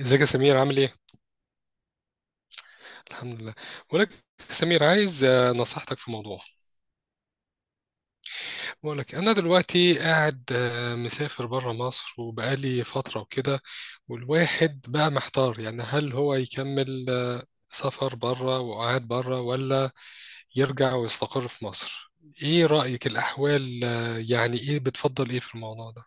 ازيك يا سمير، عامل ايه؟ الحمد لله. بقول لك يا سمير، عايز نصيحتك في موضوع. بقول لك انا دلوقتي قاعد مسافر بره مصر وبقالي فترة وكده. والواحد بقى محتار، يعني هل هو يكمل سفر بره وقعد بره، ولا يرجع ويستقر في مصر؟ ايه رأيك؟ الاحوال يعني ايه؟ بتفضل ايه في الموضوع ده؟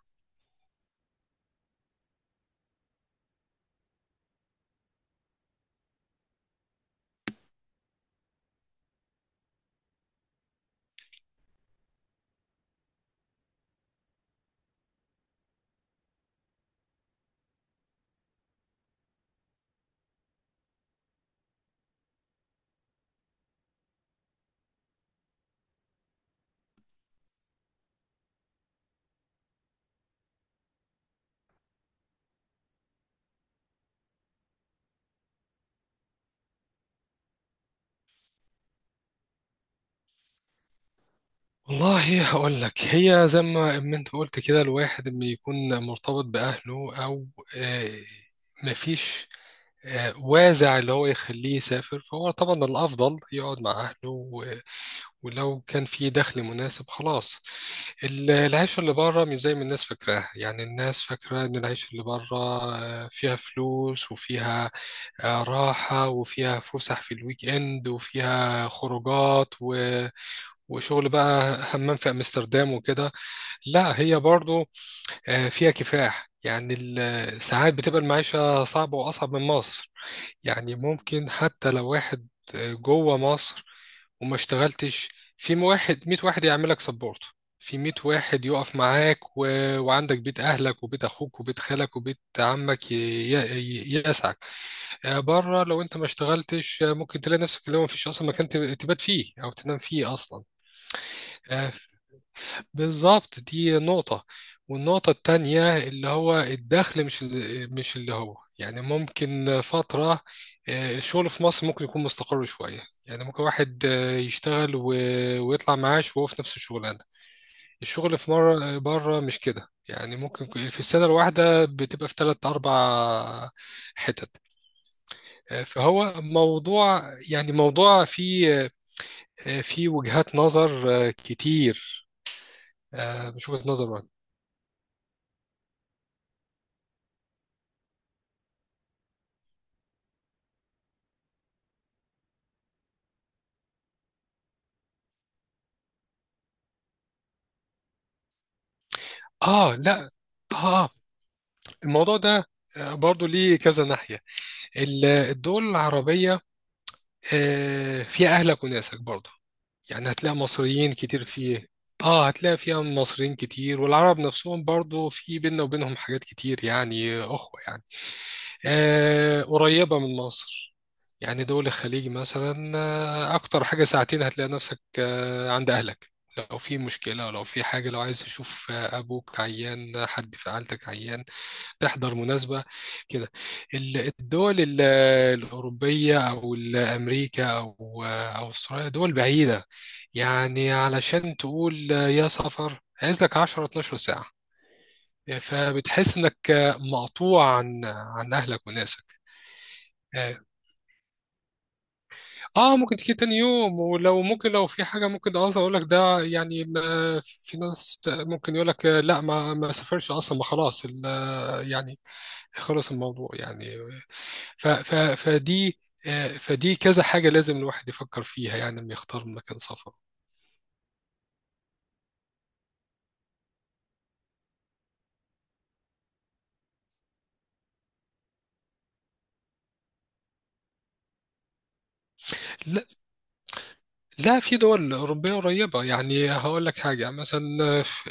والله هقول لك، هي زي ما انت قلت كده، الواحد لما يكون مرتبط بأهله او آه، مفيش وازع اللي هو يخليه يسافر، فهو طبعا الأفضل يقعد مع أهله ولو كان في دخل مناسب خلاص. العيشة اللي بره مش زي ما الناس فاكراها. يعني الناس فاكرة إن العيشة اللي بره فيها فلوس، وفيها راحة، وفيها فسح في الويك إند، وفيها خروجات وشغل، بقى حمام في أمستردام وكده. لا، هي برضو فيها كفاح. يعني ساعات بتبقى المعيشة صعبة وأصعب من مصر. يعني ممكن حتى لو واحد جوه مصر وما اشتغلتش، في واحد 100 واحد يعملك سبورت، في 100 واحد يقف معاك وعندك بيت اهلك وبيت اخوك وبيت خالك وبيت عمك يسعك. بره لو انت ما اشتغلتش، ممكن تلاقي نفسك اللي هو مفيش اصلا مكان تبات فيه او تنام فيه اصلا. آه، بالظبط، دي نقطة. والنقطة التانية اللي هو الدخل مش مش اللي هو، يعني ممكن فترة الشغل في مصر ممكن يكون مستقر شوية. يعني ممكن واحد يشتغل ويطلع معاش وهو في نفس الشغلانة. الشغل في مرة بره مش كده، يعني ممكن في السنة الواحدة بتبقى في تلات أربع حتت. فهو موضوع، يعني موضوع فيه فيه وجهات نظر كتير، مش وجهة نظر واحدة. لا، آه الموضوع ده برضو ليه كذا ناحية. الدول العربية فيها أهلك وناسك برضو، يعني هتلاقي مصريين كتير فيه. هتلاقي فيها مصريين كتير، والعرب نفسهم برضو في بيننا وبينهم حاجات كتير، يعني أخوة يعني. قريبة من مصر. يعني دول الخليج مثلا أكتر حاجة ساعتين، هتلاقي نفسك عند أهلك. لو في مشكلة، لو في حاجة، لو عايز تشوف أبوك عيان، حد في عيلتك عيان، تحضر مناسبة كده. الدول الأوروبية أو أمريكا أو أستراليا دول بعيدة، يعني علشان تقول يا سفر عايز لك 10 12 ساعة. فبتحس إنك مقطوع عن أهلك وناسك. اه، ممكن تيجي تاني يوم، ولو ممكن لو في حاجة ممكن اقول لك ده، يعني في ناس ممكن يقول لك لا ما سافرش اصلا، ما خلاص يعني خلص الموضوع يعني. ف ف فدي، فدي كذا حاجة لازم الواحد يفكر فيها، يعني لما يختار مكان سفر. لا، لا، في دول أوروبية قريبة. يعني هقول لك حاجة، مثلا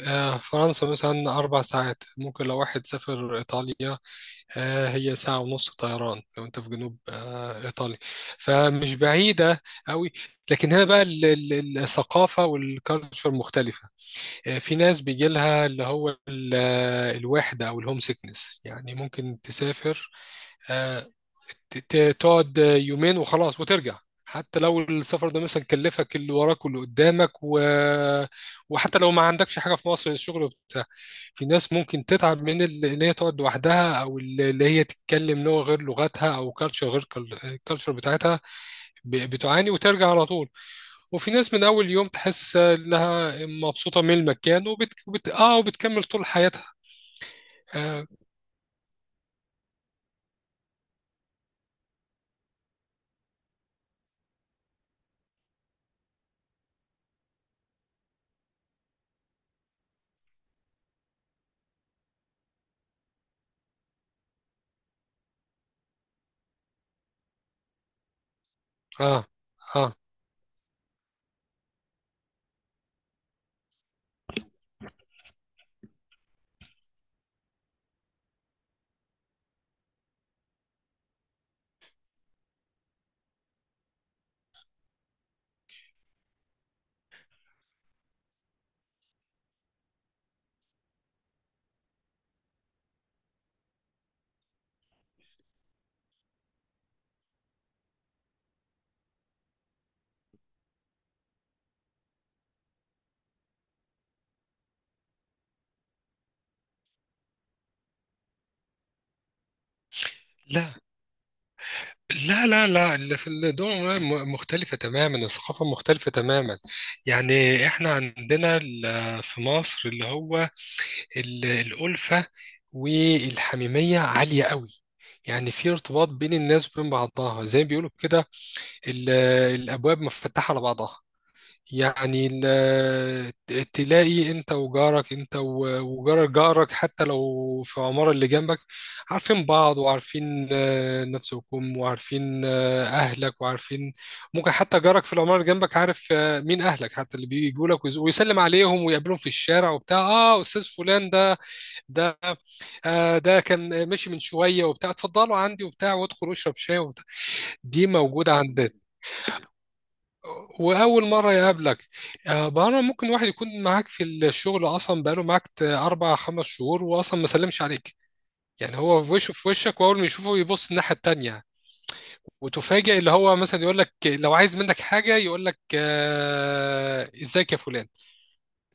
فرنسا مثلا أربع ساعات. ممكن لو واحد سافر إيطاليا، هي ساعة ونص طيران، لو انت في جنوب ايطاليا، فمش بعيدة قوي. لكن هنا بقى الثقافة والكالتشر مختلفة. في ناس بيجي لها اللي هو الوحدة او الهوم سيكنس، يعني ممكن تسافر آه، تقعد يومين وخلاص وترجع. حتى لو السفر ده مثلا كلفك اللي وراك واللي قدامك وحتى لو ما عندكش حاجة في مصر، الشغل وبتاع. في ناس ممكن تتعب من اللي هي تقعد لوحدها، او اللي هي تتكلم لغة غير لغتها، او كالتشر غير الكالتشر بتاعتها، بتعاني وترجع على طول. وفي ناس من اول يوم تحس انها مبسوطة من المكان وبتكمل طول حياتها. اه. اه، آه. لا، لا، لا، لا، اللي في الدول مختلفة تماما، الثقافة مختلفة تماما. يعني احنا عندنا في مصر اللي هو الألفة والحميمية عالية قوي. يعني في ارتباط بين الناس وبين بعضها، زي ما بيقولوا كده، ال- الأبواب مفتحة على بعضها. يعني تلاقي انت وجارك، انت وجار جارك حتى لو في العمارة اللي جنبك، عارفين بعض وعارفين نفسكم وعارفين اهلك وعارفين. ممكن حتى جارك في العمارة اللي جنبك عارف مين اهلك، حتى اللي بيجوا لك ويسلم عليهم ويقابلهم في الشارع وبتاع، اه استاذ فلان ده، ده كان ماشي من شوية وبتاع، اتفضلوا عندي وبتاع، وادخل اشرب شاي وبتاع. دي موجودة عندنا، واول مره يقابلك. مره ممكن واحد يكون معاك في الشغل اصلا، بقاله معاك اربع خمس شهور واصلا ما سلمش عليك. يعني هو في وشه في وشك، واول ما يشوفه يبص الناحيه التانيه. وتفاجئ اللي هو مثلا يقول لك، لو عايز منك حاجه يقول لك ازيك يا فلان.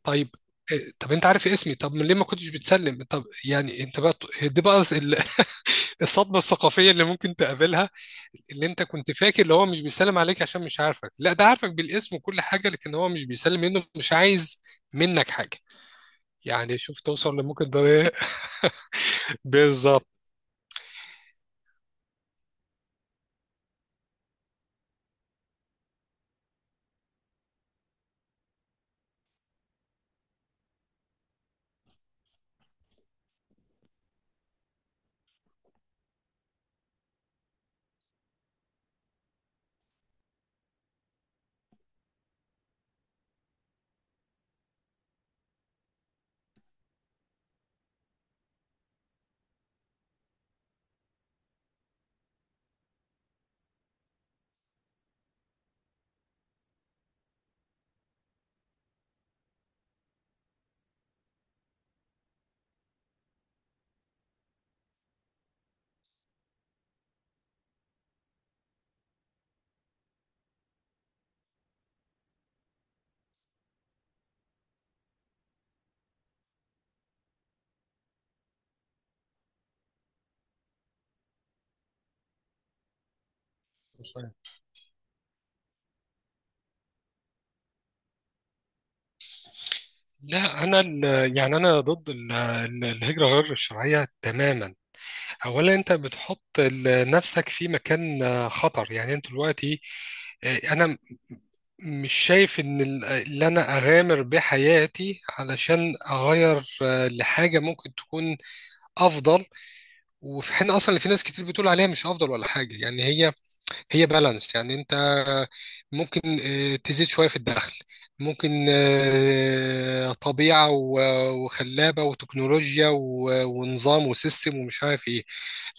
طيب، طب انت عارف اسمي، طب ليه ما كنتش بتسلم، طب يعني انت بقى. دي بقى الصدمة الثقافية اللي ممكن تقابلها. اللي انت كنت فاكر اللي هو مش بيسلم عليك عشان مش عارفك، لا ده عارفك بالاسم وكل حاجة، لكن هو مش بيسلم منه، مش عايز منك حاجة. يعني شوف توصل لممكن ده إيه؟ بالظبط. لا، انا يعني انا ضد الهجرة غير الشرعية تماما. اولا انت بتحط نفسك في مكان خطر، يعني انت دلوقتي انا مش شايف ان اللي انا اغامر بحياتي علشان اغير لحاجه ممكن تكون افضل. وفي حين اصلا اللي في ناس كتير بتقول عليها مش افضل ولا حاجه، يعني هي هي بالانس. يعني انت ممكن تزيد شويه في الدخل، ممكن طبيعه وخلابه وتكنولوجيا ونظام وسيستم ومش عارف ايه.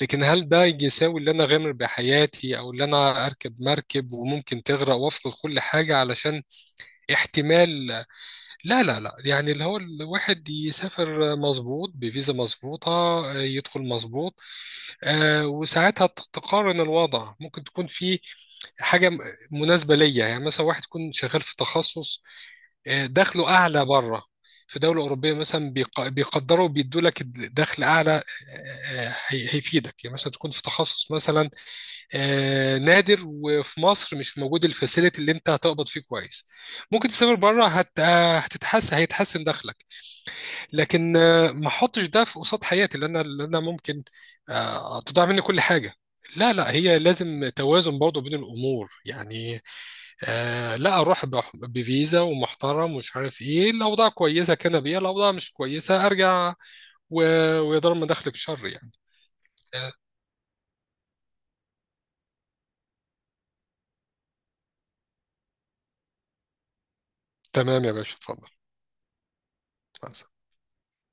لكن هل ده يساوي اللي انا اغامر بحياتي، او اللي انا اركب مركب وممكن تغرق وافقد كل حاجه علشان احتمال؟ لا، لا، لا، يعني اللي هو الواحد يسافر مظبوط بفيزا مظبوطة، يدخل مظبوط، وساعتها تقارن الوضع، ممكن تكون في حاجة مناسبة ليا. يعني مثلا واحد يكون شغال في تخصص دخله أعلى بره، في دولة أوروبية مثلا بيقدروا بيدوا لك دخل أعلى. هيفيدك، يعني مثلا تكون في تخصص مثلا نادر وفي مصر مش موجود الفاسيلتي، اللي انت هتقبض فيه كويس ممكن تسافر بره هت... آه، هتتحسن هيتحسن دخلك. لكن ما احطش ده في قصاد حياتي، اللي انا ممكن تضيع مني كل حاجه. لا، لا، هي لازم توازن برضه بين الامور يعني. لا، اروح بفيزا ومحترم ومش عارف ايه، الاوضاع كويسه كان بيها، الاوضاع مش كويسه ارجع و... ويضر مداخلك شر يعني. آه تمام يا باشا، اتفضل.